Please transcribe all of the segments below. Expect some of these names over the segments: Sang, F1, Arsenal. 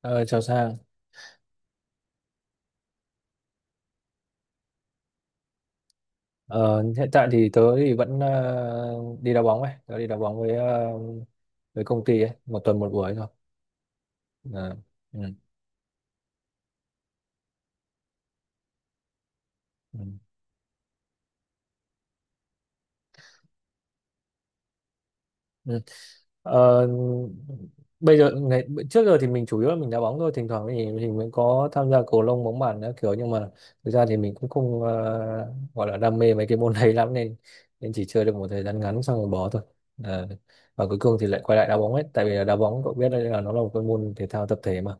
Ờ, Chào Sang. Ờ, Hiện tại thì tớ thì vẫn đi đá bóng ấy, tớ đi đá bóng với công ty ấy, một tuần một buổi thôi. Ờ, ừ. Ừ. Ừ. Ờ, Bây giờ ngày trước giờ thì mình chủ yếu là mình đá bóng thôi, thỉnh thoảng thì mình mới có tham gia cầu lông, bóng bàn nữa kiểu, nhưng mà thực ra thì mình cũng không gọi là đam mê mấy cái môn đấy lắm, nên nên chỉ chơi được một thời gian ngắn xong rồi bỏ thôi. Ờ, và cuối cùng thì lại quay lại đá bóng ấy, tại vì là đá bóng cậu biết đấy, là nó là một cái môn thể thao tập thể mà,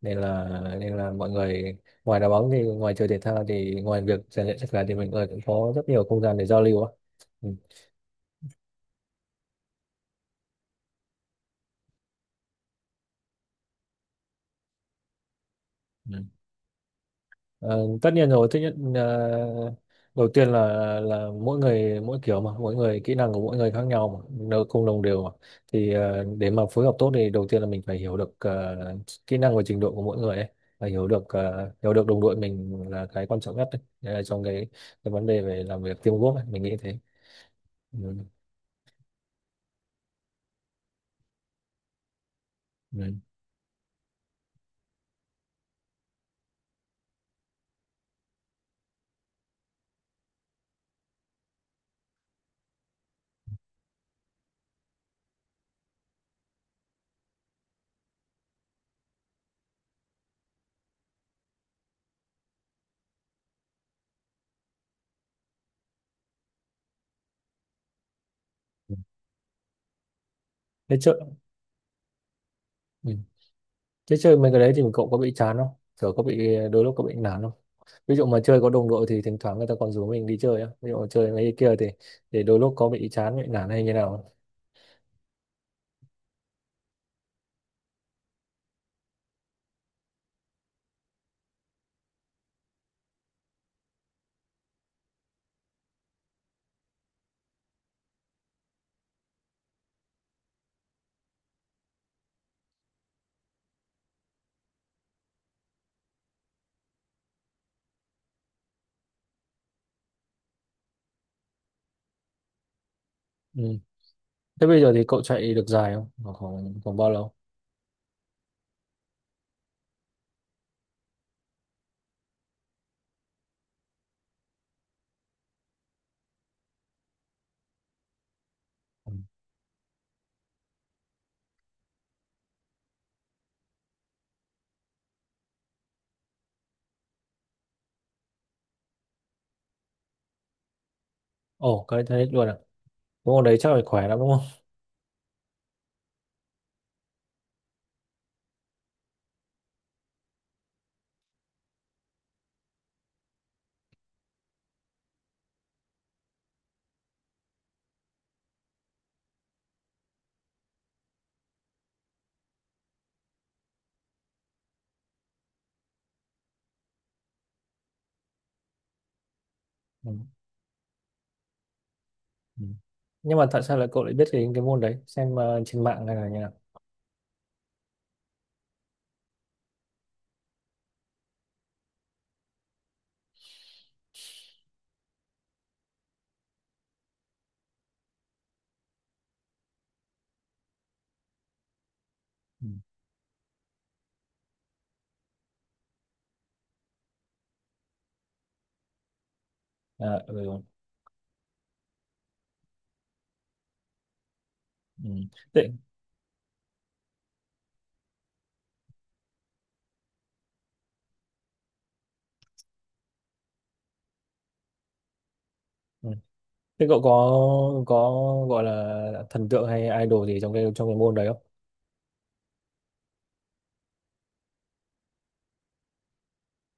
nên là nên là mọi người, ngoài đá bóng thì, ngoài chơi thể thao thì, ngoài việc rèn luyện sức khỏe thì, mọi người cũng có rất nhiều không gian để giao lưu á. Ừ. Ừ. Ờ, Tất nhiên rồi, tất nhiên đầu tiên là mỗi người mỗi kiểu mà, mỗi người kỹ năng của mỗi người khác nhau mà, nó không đồng đều mà. Thì để mà phối hợp tốt thì đầu tiên là mình phải hiểu được kỹ năng và trình độ của mỗi người ấy, và hiểu được đồng đội mình là cái quan trọng nhất đấy. Đấy là trong cái vấn đề về làm việc teamwork ấy, mình nghĩ thế. Ừ. Ừ. Thế chơi, ừ. Thế chơi mấy cái đấy thì cậu có bị chán không? Kiểu có bị đôi lúc, có bị nản không? Ví dụ mà chơi có đồng đội thì thỉnh thoảng người ta còn rủ mình đi chơi á, ví dụ mà chơi mấy cái kia thì để đôi lúc có bị chán, bị nản hay như nào. Ừ. Thế bây giờ thì cậu chạy được dài không? Khoảng khoảng, khoảng bao lâu? Ừ. Ồ, cái thế luôn à? Cái môn đấy chắc phải khỏe lắm đúng không? Ừ. Ừ. Nhưng mà tại sao cậu lại biết đến cái môn đấy, xem trên mạng hay là như nào? Ừ. À, ừ. Ừ. Ừ. Thế, ừ. Thế cậu có, có gọi là thần tượng hay idol gì trong cái môn đấy không?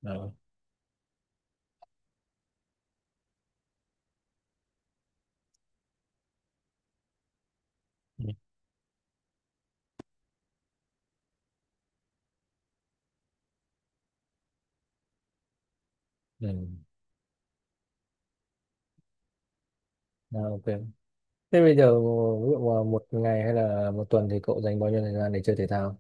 Ờ. Ừ. Ừ. À, ok. Thế bây giờ ví dụ mà một ngày hay là một tuần thì cậu dành bao nhiêu thời gian để chơi thể thao?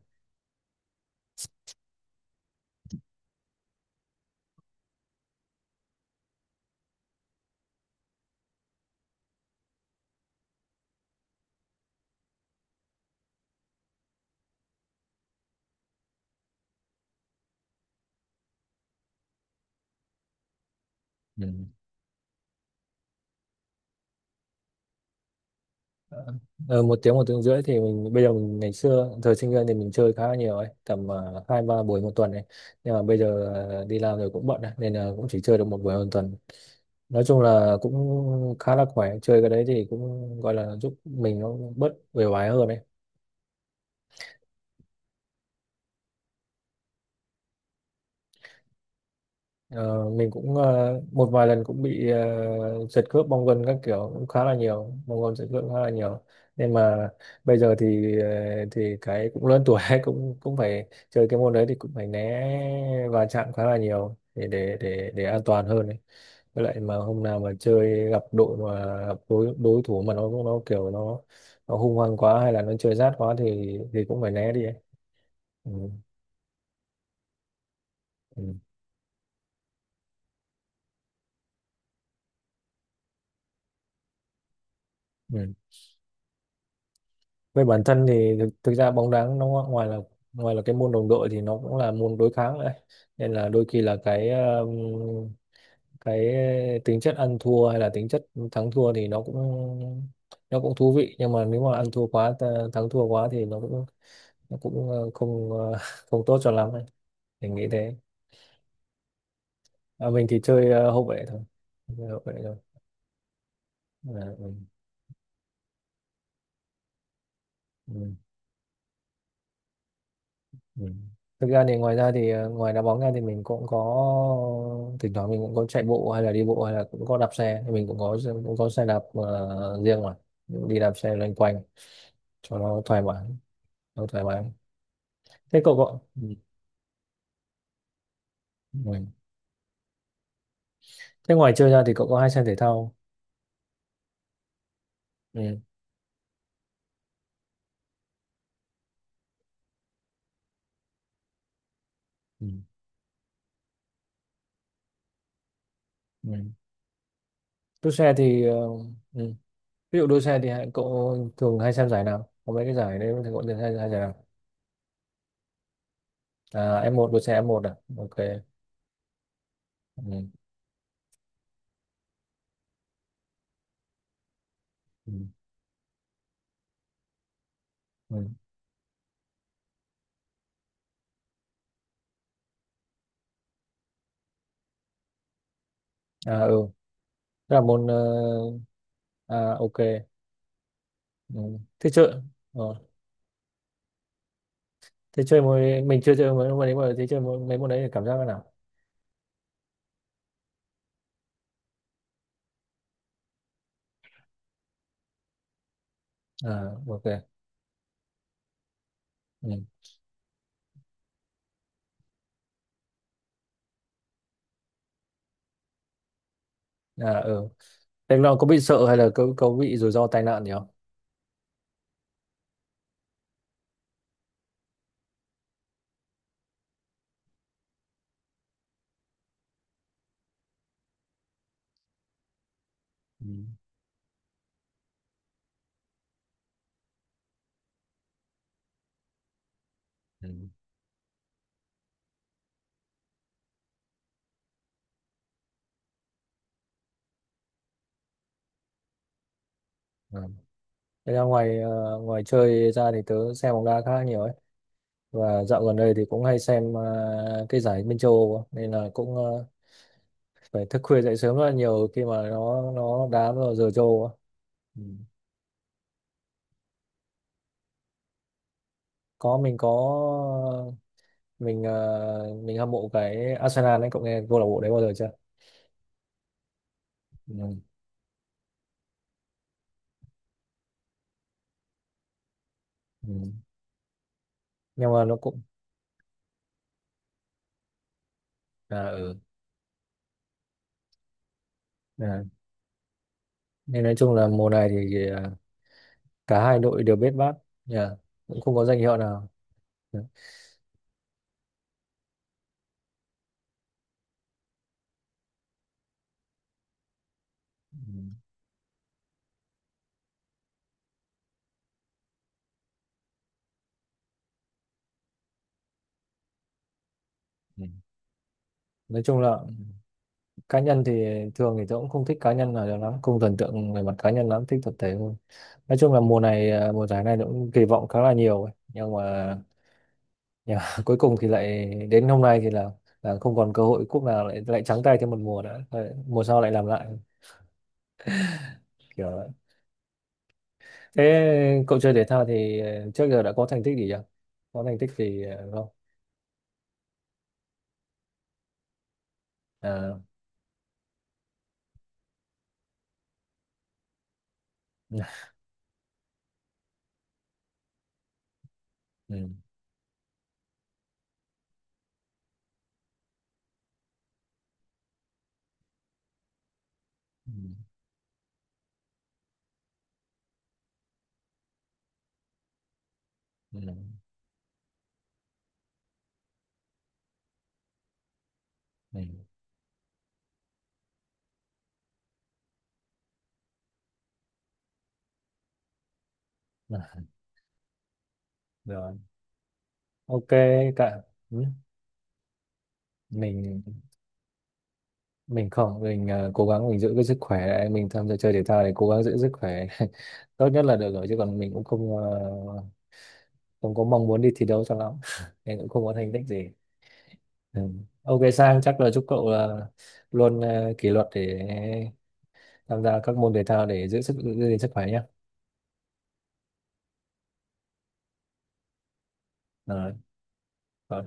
Ừ. Ờ, Một tiếng một tiếng rưỡi thì mình, bây giờ mình ngày xưa thời sinh viên thì mình chơi khá là nhiều ấy, tầm hai ba buổi một tuần ấy. Nhưng mà bây giờ đi làm rồi cũng bận ấy, nên là cũng chỉ chơi được một buổi một tuần. Nói chung là cũng khá là khỏe, chơi cái đấy thì cũng gọi là giúp mình nó bớt uể oải hơn ấy. Ờ, mình cũng một vài lần cũng bị giật khớp bong gân các kiểu, cũng khá là nhiều, bong gân giật khớp khá là nhiều. Nên mà bây giờ thì thì cái cũng lớn tuổi cũng cũng phải chơi cái môn đấy thì cũng phải né va chạm khá là nhiều để an toàn hơn ấy. Với lại mà hôm nào mà chơi gặp đội, mà gặp đối đối thủ mà nó kiểu nó hung hăng quá hay là nó chơi rát quá thì cũng phải né đi ấy. Ừ. Ừ. Ừ. Về bản thân thì thực ra bóng đá nó ngoài là, ngoài là cái môn đồng đội thì nó cũng là môn đối kháng đấy, nên là đôi khi là cái tính chất ăn thua hay là tính chất thắng thua thì nó cũng thú vị, nhưng mà nếu mà ăn thua quá, thắng thua quá thì nó cũng không không tốt cho lắm ấy. Mình nghĩ thế. À, mình thì chơi hậu vệ thôi. Chơi hậu vệ thôi. À, ừ. Ừ. Ừ. Thực ra thì ngoài ra thì ngoài đá bóng ra thì mình cũng có, thỉnh thoảng mình cũng có chạy bộ hay là đi bộ hay là cũng có đạp xe, thì mình cũng có xe đạp riêng mà đi đạp xe loanh quanh cho nó thoải mái, nó thoải mái thế cậu có. Ừ. Ừ. Thế ngoài chơi ra thì cậu có hay xem thể thao? Ừ. Ừ. Ừ. Đua xe thì ừ. Ví dụ đua xe thì cậu thường hay xem giải nào? Có mấy cái giải đấy thì cậu thường hay hay giải nào? À, F1 đua xe f một. À, ok. Ừ. Ừ. Ừ. À, ừ. Thế là môn à, ok. Ừ. thế chơi ờ. thế chơi môn Mình chưa chơi mấy môn đấy mà. Mấy môn đấy thì cảm giác thế nào? À, ok. Ừ. À, ừ. Thế là có bị sợ hay là, có bị rủi ro tai nạn gì không? Ừ. Ừ. Ừ. Thế là ngoài chơi ra thì tớ xem bóng đá khá là nhiều ấy. Và dạo gần đây thì cũng hay xem cái giải bên châu Âu á. Nên là cũng phải thức khuya dậy sớm rất là nhiều, khi mà nó đá vào giờ châu Âu á. Ừ. Có, mình có, mình hâm mộ cái Arsenal đấy, cậu nghe câu lạc bộ đấy bao giờ chưa? Ừ. Ừ. Nhưng mà nó cũng. À, ừ. À. Nên nói chung là mùa này thì cả hai đội đều bết bát. Nhà, cũng không có danh hiệu nào. Dạ. Ừ. Ừ. Nói chung là cá nhân thì, thường thì tôi cũng không thích cá nhân nào cho lắm, không thần tượng về mặt cá nhân lắm, thích tập thể hơn. Nói chung là mùa này mùa giải này tôi cũng kỳ vọng khá là nhiều ấy. Nhưng mà cuối cùng thì lại đến hôm nay thì là không còn cơ hội cúp nào, lại lại trắng tay thêm một mùa nữa. Mùa sau lại làm lại kiểu vậy. Thế cậu chơi thể thao thì trước giờ đã có thành tích gì chưa? Có thành tích gì không? À, ừ, ừ, ừ, ừ, ừ. À, rồi, ok. Cả, ừ. mình mình không, cố gắng mình giữ cái sức khỏe lại. Mình tham gia chơi thể thao thì cố gắng giữ sức khỏe tốt nhất là được rồi, chứ còn mình cũng không không có mong muốn đi thi đấu cho lắm. Nên cũng không có thành tích gì. Ừ. Ok Sang, chắc là chúc cậu là luôn kỷ luật để tham gia các môn thể thao để giữ sức, giữ gìn sức khỏe nhé. Rồi, rồi.